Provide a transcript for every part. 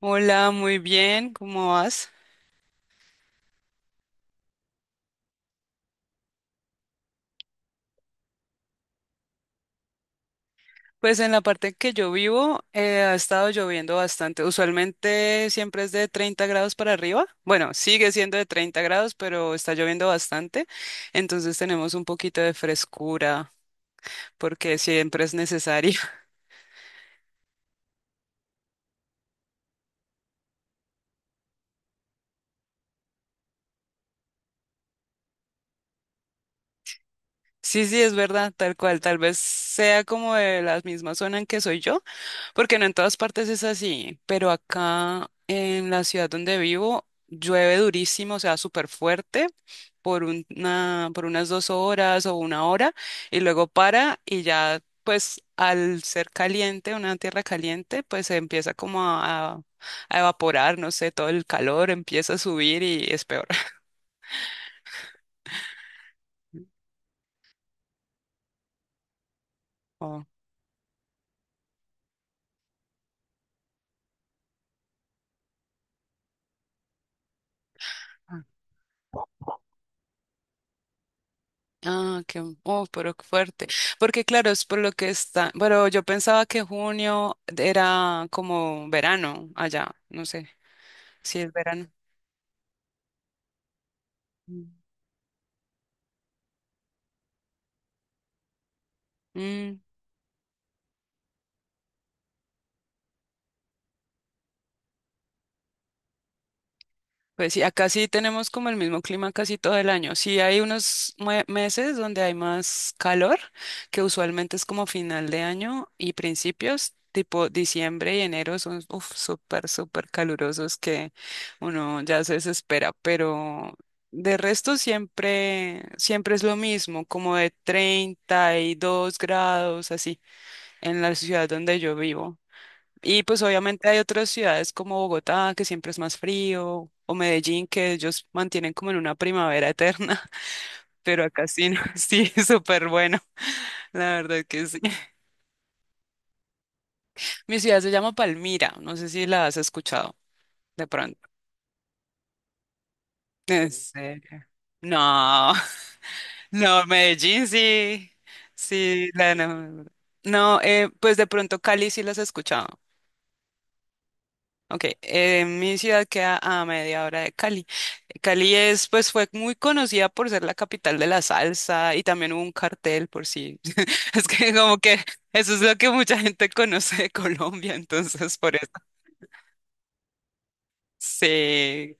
Hola, muy bien, ¿cómo vas? Pues en la parte en que yo vivo ha estado lloviendo bastante. Usualmente siempre es de 30 grados para arriba. Bueno, sigue siendo de 30 grados, pero está lloviendo bastante. Entonces tenemos un poquito de frescura porque siempre es necesario. Sí, sí, es verdad, tal cual. Tal vez sea como de la misma zona en que soy yo. Porque no en todas partes es así, pero acá en la ciudad donde vivo llueve durísimo, o sea, súper fuerte por unas 2 horas o 1 hora y luego para y ya pues al ser caliente, una tierra caliente, pues se empieza como a evaporar, no sé, todo el calor empieza a subir y es peor. Oh. Ah, qué, oh, pero qué fuerte. Porque claro, es por lo que está. Bueno, yo pensaba que junio era como verano allá, no sé si es verano. Mm. Mm. Pues sí, acá sí tenemos como el mismo clima casi todo el año. Sí hay unos meses donde hay más calor, que usualmente es como final de año y principios, tipo diciembre y enero son uf, súper, súper calurosos que uno ya se desespera, pero de resto siempre, siempre es lo mismo, como de 32 grados así en la ciudad donde yo vivo. Y pues obviamente hay otras ciudades como Bogotá, que siempre es más frío, o Medellín, que ellos mantienen como en una primavera eterna, pero acá sí, no, sí, súper bueno, la verdad que sí. Mi ciudad se llama Palmira, no sé si la has escuchado de pronto. ¿En serio? No, no, Medellín sí, sí, la no. No, pues de pronto Cali sí las he escuchado. Ok, mi ciudad queda a media hora de Cali. Cali es, pues, fue muy conocida por ser la capital de la salsa y también hubo un cartel por si. Es que como que eso es lo que mucha gente conoce de Colombia, entonces por eso. Sí.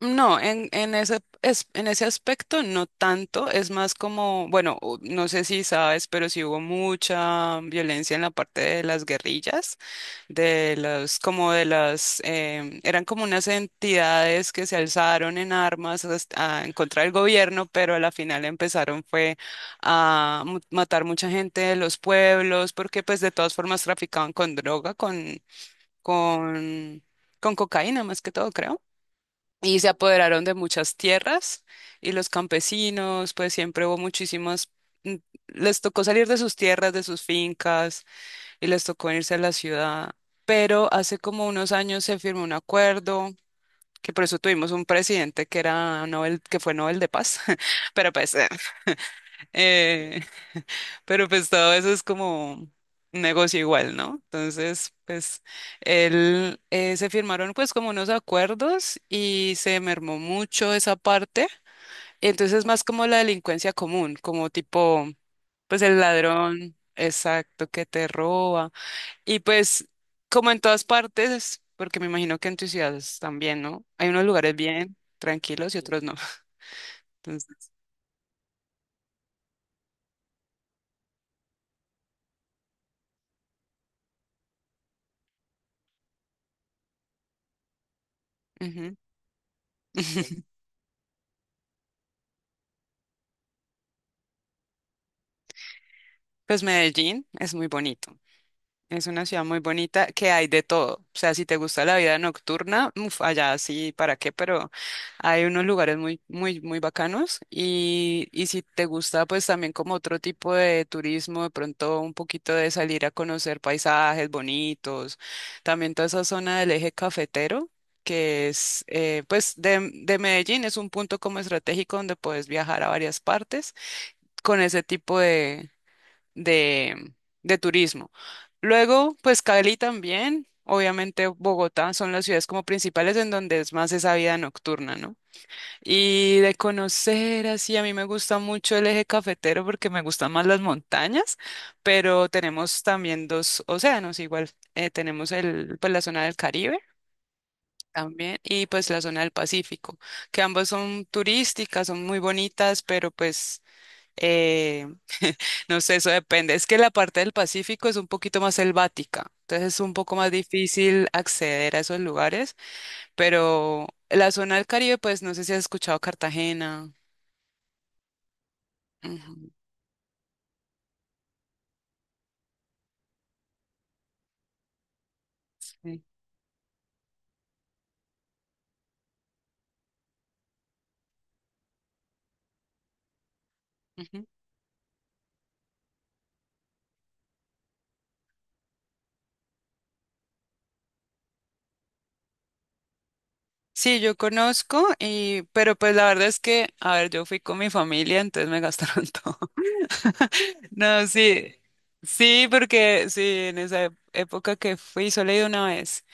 No, en ese aspecto no tanto, es más como, bueno, u- no sé si sabes, pero sí hubo mucha violencia en la parte de las guerrillas. De los como de las, eran como unas entidades que se alzaron en armas en contra del gobierno, pero a la final empezaron fue a matar mucha gente de los pueblos, porque pues de todas formas traficaban con droga, con, con cocaína más que todo, creo. Y se apoderaron de muchas tierras y los campesinos, pues siempre hubo muchísimas, mm, les tocó salir de sus tierras, de sus fincas y les tocó irse a la ciudad. Pero hace como unos años se firmó un acuerdo, que por eso tuvimos un presidente que era Nobel, que fue Nobel de Paz. Pero pues, eh, pero pues todo eso es como un negocio igual, ¿no? Entonces, pues, él se firmaron pues como unos acuerdos y se mermó mucho esa parte. Y entonces es más como la delincuencia común, como tipo, pues el ladrón, exacto, que te roba. Y pues, como en todas partes, porque me imagino que en tus ciudades también, ¿no? Hay unos lugares bien tranquilos y otros no. Entonces, ujú. Pues Medellín es muy bonito. Es una ciudad muy bonita que hay de todo. O sea, si te gusta la vida nocturna, uf, allá sí, ¿para qué? Pero hay unos lugares muy, muy, muy bacanos. Y si te gusta, pues también como otro tipo de turismo, de pronto un poquito de salir a conocer paisajes bonitos. También toda esa zona del eje cafetero, que es, pues, de Medellín, es un punto como estratégico donde puedes viajar a varias partes con ese tipo de, de turismo. Luego, pues Cali también, obviamente Bogotá son las ciudades como principales en donde es más esa vida nocturna, ¿no? Y de conocer así, a mí me gusta mucho el eje cafetero porque me gustan más las montañas, pero tenemos también dos océanos, igual tenemos el, pues la zona del Caribe. También, y pues la zona del Pacífico, que ambas son turísticas, son muy bonitas, pero pues eh, no sé, eso depende. Es que la parte del Pacífico es un poquito más selvática, entonces es un poco más difícil acceder a esos lugares, pero la zona del Caribe, pues no sé si has escuchado Cartagena. Ujú, sí. Ujú. Sí, yo conozco y, pero pues la verdad es que, a ver, yo fui con mi familia, entonces me gastaron todo. No, sí, sí, porque sí, en esa época que fui solo he ido una vez.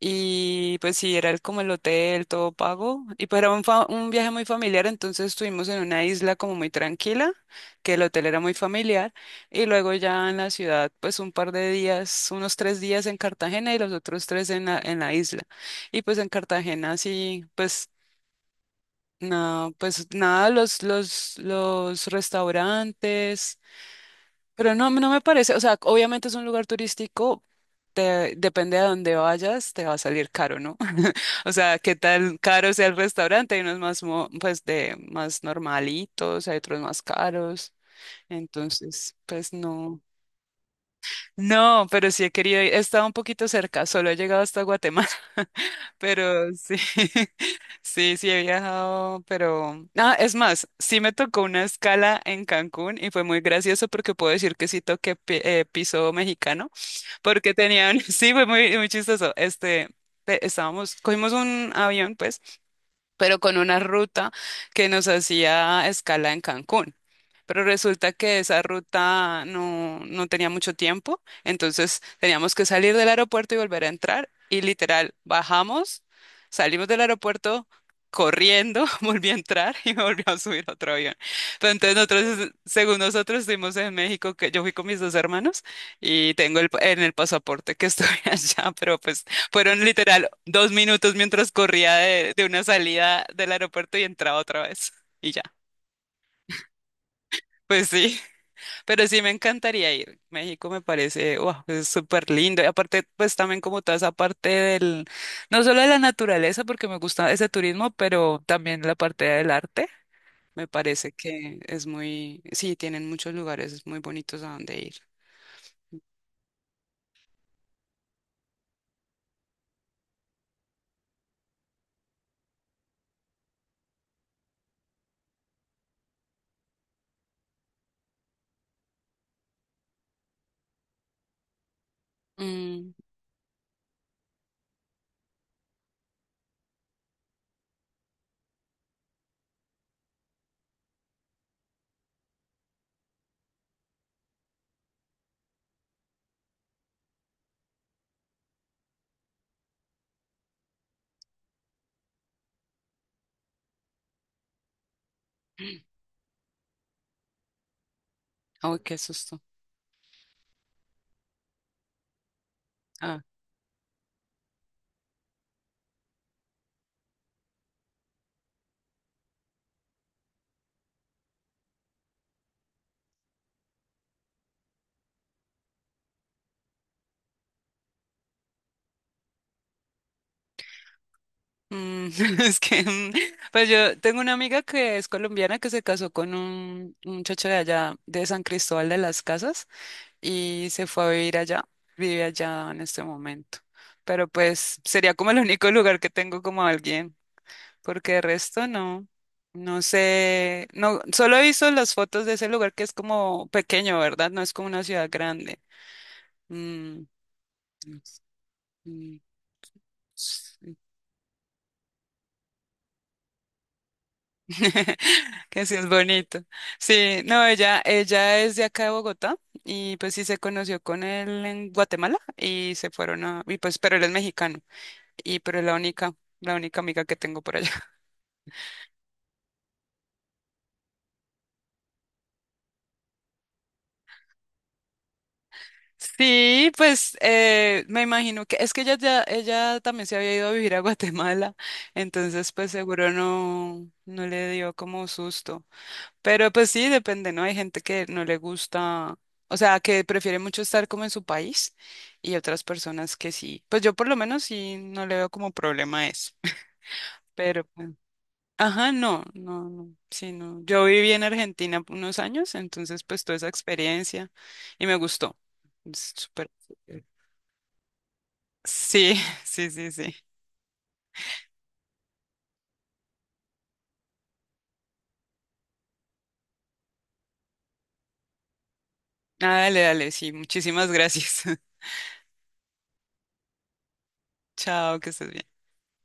Y pues sí, era como el hotel, todo pago. Y pues era un, un viaje muy familiar, entonces estuvimos en una isla como muy tranquila, que el hotel era muy familiar. Y luego ya en la ciudad, pues un par de días, unos 3 días en Cartagena y los otros tres en la isla. Y pues en Cartagena sí, pues no, pues nada, los restaurantes. Pero no, no me parece, o sea, obviamente es un lugar turístico, depende de dónde vayas, te va a salir caro, ¿no? O sea, qué tan caro sea el restaurante, hay unos más, pues, de más normalitos, hay otros más caros, entonces, pues no. No, pero sí he querido ir. He estado un poquito cerca, solo he llegado hasta Guatemala, pero sí, sí, sí he viajado, pero... Ah, es más, sí me tocó una escala en Cancún y fue muy gracioso porque puedo decir que sí toqué piso mexicano, porque tenían, sí, fue muy, muy chistoso. Este, estábamos, cogimos un avión, pues pero con una ruta que nos hacía escala en Cancún. Pero resulta que esa ruta no, no tenía mucho tiempo, entonces teníamos que salir del aeropuerto y volver a entrar. Y literal, bajamos, salimos del aeropuerto corriendo, volví a entrar y me volví a subir a otro avión. Pero entonces nosotros, según nosotros, estuvimos en México, que yo fui con mis dos hermanos y tengo en el pasaporte que estoy allá, pero pues fueron literal 2 minutos mientras corría de una salida del aeropuerto y entraba otra vez. Y ya. Pues sí, pero sí me encantaría ir. México me parece, wow, es súper lindo. Y aparte, pues también como toda esa parte del, no solo de la naturaleza, porque me gusta ese turismo, pero también la parte del arte. Me parece que es muy, sí, tienen muchos lugares muy bonitos a donde ir. Mm. Ay, qué susto. Ah. Mm, es que, mm, pues yo tengo una amiga que es colombiana que se casó con un muchacho de allá, de San Cristóbal de las Casas, y se fue a vivir allá, vive allá en este momento. Pero pues sería como el único lugar que tengo como alguien, porque de resto no, no sé, no, solo he visto las fotos de ese lugar que es como pequeño, ¿verdad? No es como una ciudad grande. Mm, mm, que sí es bonito. Sí, no, ella es de acá de Bogotá y pues sí se conoció con él en Guatemala y se fueron a, y pues, pero él es mexicano y pero es la única amiga que tengo por allá. Sí, pues me imagino que es que ella ya, ella también se había ido a vivir a Guatemala, entonces pues seguro no, no le dio como susto. Pero pues sí, depende, ¿no? Hay gente que no le gusta, o sea, que prefiere mucho estar como en su país y otras personas que sí. Pues yo por lo menos sí no le veo como problema a eso. Pero, pues, ajá, no, no, no, sí, no. Yo viví en Argentina unos años, entonces pues toda esa experiencia y me gustó. Es súper. Sí, sí, sí, sí. Ah, dale, dale, sí, muchísimas gracias. Chao, que estés bien.